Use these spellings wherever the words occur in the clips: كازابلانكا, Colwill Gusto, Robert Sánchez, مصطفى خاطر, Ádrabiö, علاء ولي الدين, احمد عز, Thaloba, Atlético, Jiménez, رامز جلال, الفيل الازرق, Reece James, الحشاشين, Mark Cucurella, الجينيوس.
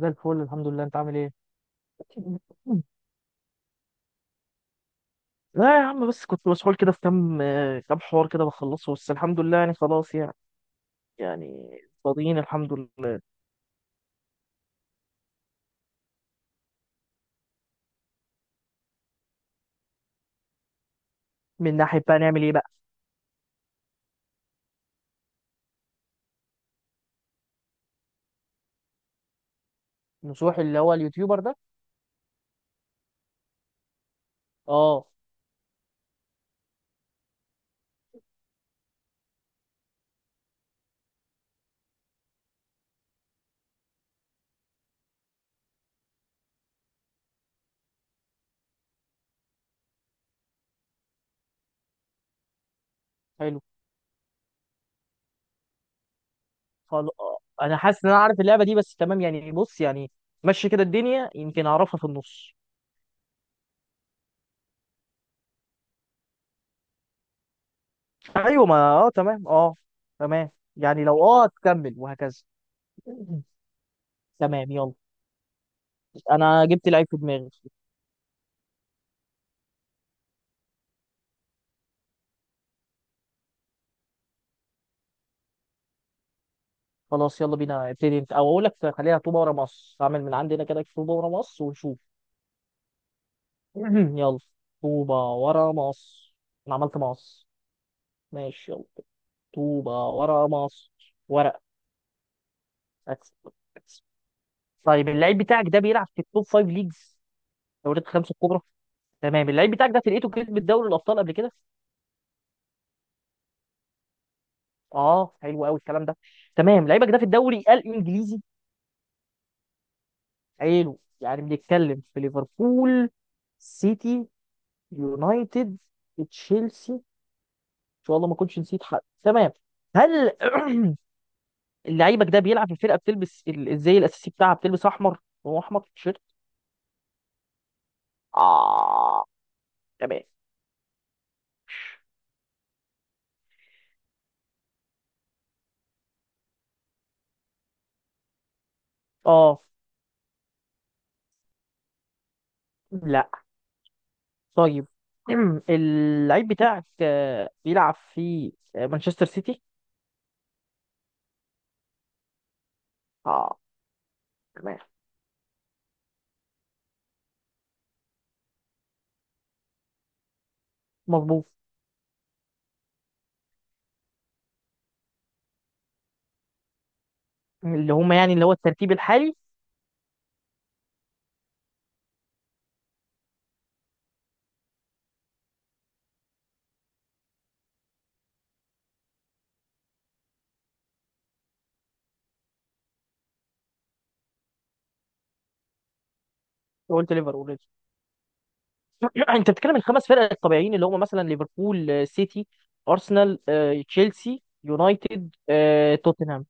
زي الفل، الحمد لله. انت عامل ايه؟ لا يا عم، بس كنت مسحول كده في كام كام حوار كده بخلصه، بس الحمد لله يعني خلاص يعني. يعني فاضيين الحمد لله. من ناحية بقى نعمل ايه بقى؟ نصوح اللي هو اليوتيوبر ده؟ اه حلو، خلاص. انا حاسس ان انا عارف اللعبة دي، بس تمام يعني، بص يعني مشي كده، الدنيا يمكن اعرفها في النص. ايوه، ما تمام اه. تمام، يعني لو تكمل وهكذا. تمام، يلا. انا جبت لعيب في دماغي. خلاص يلا بينا، ابتدي انت او اقول لك خليها طوبه ورا مصر، اعمل من عندنا كده طوبه ورا مصر ونشوف. يلا. طوبه ورا مصر. انا عملت مصر. ماشي يلا. طوبه ورا مصر. ورق. أكسب. أكسب. طيب اللعيب بتاعك ده بيلعب في التوب فايف ليجز، دوريات الخمسه الكبرى. تمام، اللعيب بتاعك ده فرقته كسبت دوري الابطال قبل كده؟ اه حلو قوي الكلام ده. تمام، لعيبك ده في الدوري الانجليزي. حلو، يعني بنتكلم في ليفربول، سيتي، يونايتد، تشيلسي. شاء الله ما كنتش نسيت حد. تمام. هل، لعيبك ده بيلعب في فرقه بتلبس الزي الاساسي بتاعها بتلبس احمر؟ هو احمر في التيشيرت؟ اه. تمام. اه. لا. طيب. اللعيب بتاعك بيلعب في مانشستر سيتي؟ اه. تمام. مظبوط. اللي هم يعني اللي هو الترتيب الحالي؟ قلت ليفربول already. انت بتتكلم الخمس فرق الطبيعيين اللي هم مثلا ليفربول، سيتي، ارسنال، تشيلسي، يونايتد، توتنهام.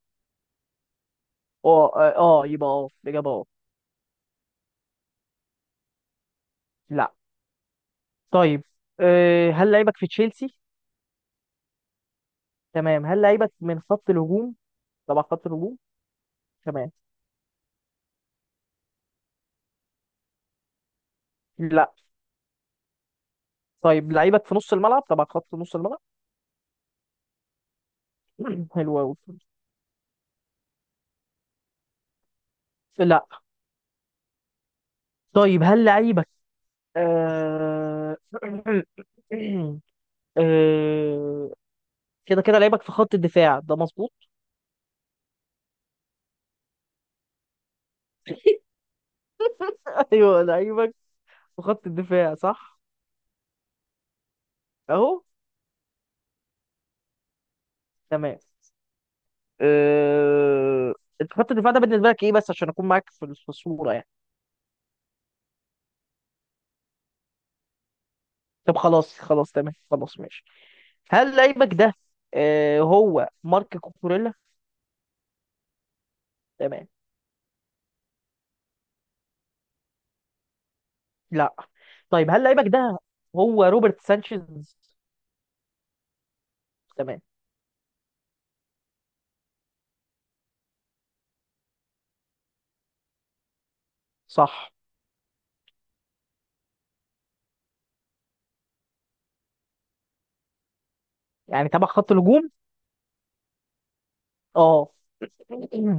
يبقى الاجابه اه. لا. طيب، هل لعيبك في تشيلسي؟ تمام، هل لعيبك من خط الهجوم؟ تبع خط الهجوم. تمام. لا. طيب، لعيبك في نص الملعب، تبع خط نص الملعب؟ حلو قوي. لا. طيب هل لعيبك آه، آه، كده كده لعيبك في خط الدفاع ده مظبوط؟ ايوه لعيبك في خط الدفاع صح. اهو. تمام. أه... انت خط الدفاع ده بالنسبه لك ايه بس، عشان اكون معاك في الصوره يعني؟ طب خلاص خلاص، تمام، خلاص ماشي. هل لعيبك ده أه هو مارك كوكوريلا؟ تمام. لا. طيب، هل لعيبك ده هو روبرت سانشيز؟ تمام. صح. يعني تبع خط الهجوم؟ اه.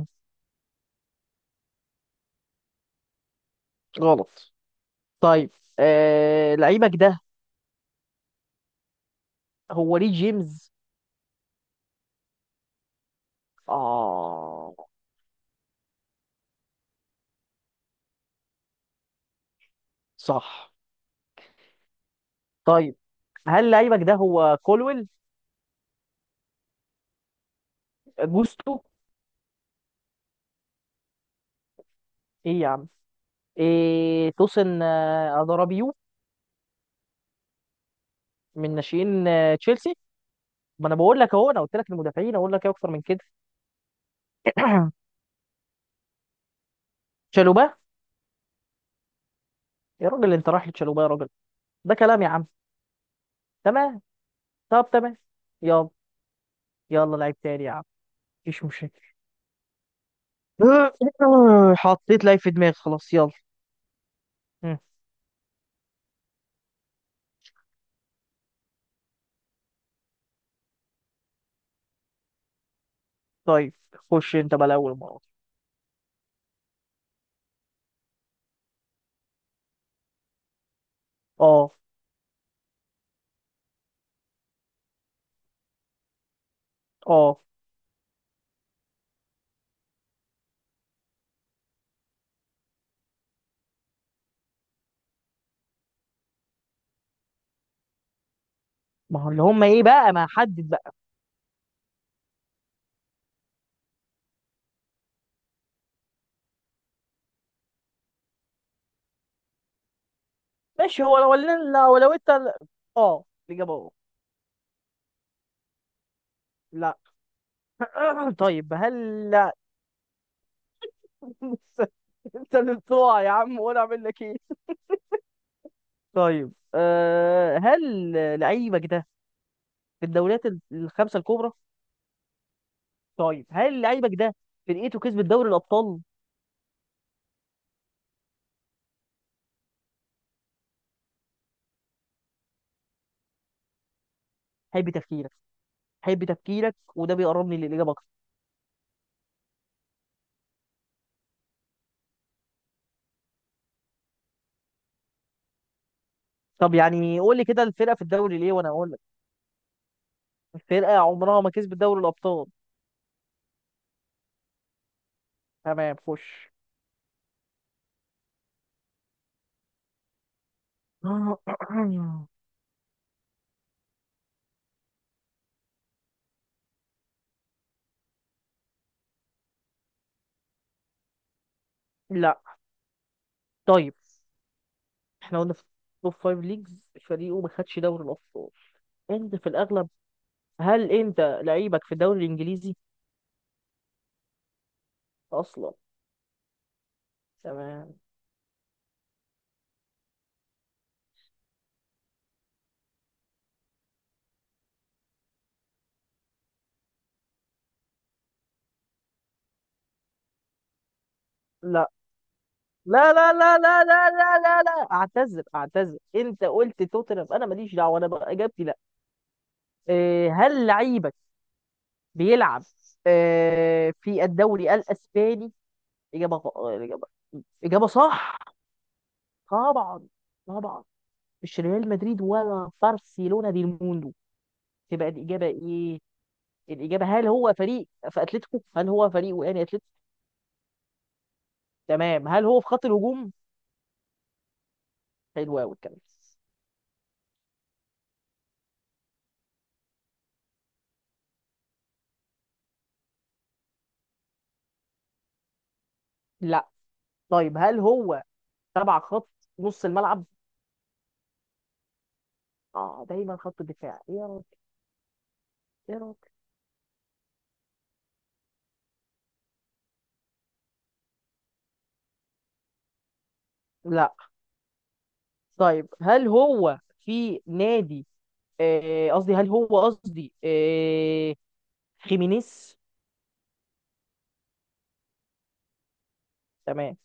غلط. طيب أه... لعيبك ده هو ري جيمز؟ اه. صح. طيب، هل لعيبك ده هو كولويل؟ جوستو؟ ايه يا عم؟ إيه توسن، ادرابيو؟ من ناشئين تشيلسي؟ ما انا بقول لك، اهو انا قلت لك المدافعين، اقول لك ايه اكتر من كده؟ تشالوبا. يا راجل، انت رايح لتشالوبا يا راجل. ده كلام يا عم. تمام. طب تمام. يلا. يلا لعيب تاني يا عم. مفيش مشاكل. حطيت لعيب في دماغي خلاص، يلا. مم. طيب خش انت بقى الاول مره. اه. اه. ما هو اللي هم ايه بقى، ما حدد بقى. ماشي، هو لو انت، اه الاجابه اه. لا. طيب هل. انت اللي بتوع يا عم، وانا اعمل لك ايه؟ طيب أه، هل لعيبك ده في الدوريات الخمسه الكبرى؟ طيب، هل لعيبك ده فرقته كسبت دوري الابطال؟ حب تفكيرك. حب تفكيرك وده بيقربني للاجابه اكتر. طب يعني قول لي كده الفرقه في الدوري ليه وانا اقول لك. الفرقه عمرها ما كسبت دوري الابطال. تمام خش. لا. طيب. احنا قلنا في توب فايف ليجز فريقه ما خدش دوري الابطال، انت في الاغلب، هل انت لعيبك في الدوري الانجليزي اصلا؟ تمام. لا لا لا لا لا لا لا لا لا، اعتذر اعتذر، انت قلت توتنهام انا ماليش دعوه، انا بقى اجابتي لا. إيه، هل لعيبك بيلعب إيه في الدوري الاسباني؟ اجابه غ- آه، اجابه. اجابه صح. طبعا. طبعا. مش ريال مدريد ولا برشلونه دي الموندو. تبقى الاجابه ايه؟ الاجابه، هل هو فريق في اتلتيكو، هل هو فريق وقاني اتلتيكو؟ تمام، هل هو في خط الهجوم؟ حلو قوي الكلام. لا. طيب هل هو تبع خط نص الملعب؟ اه دايما خط الدفاع، ايه يا رب، ايه يا رب. لا. طيب، هل هو في نادي قصدي، هل هو قصدي خيمينيز؟ تمام.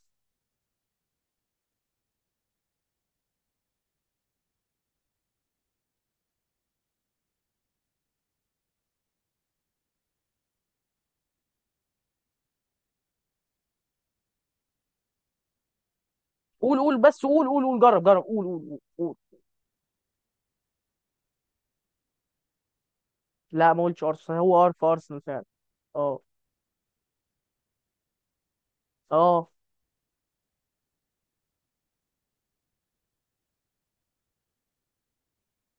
قول قول بس، قول قول قول، جرب جرب، قول قول قول قول. لا ما قلتش ارسنال، هو في ارسنال فعلا. اه. اه.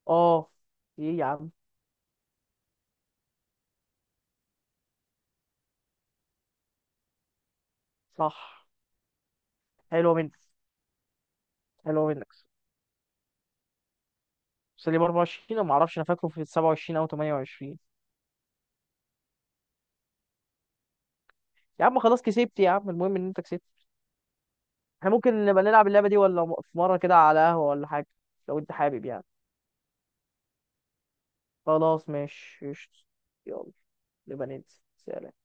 اه. ايه يا عم. صح. حلو منك. حلو منك. سليم 24، ما اعرفش انا فاكره في 27 او 28. يا عم خلاص كسبت يا عم، المهم ان انت كسبت. احنا ممكن نبقى نلعب اللعبة دي ولا في مرة كده على قهوة ولا حاجة؟ لو انت حابب يعني. خلاص ماشي، قشطة. يلا، نبقى ننزل، سلام.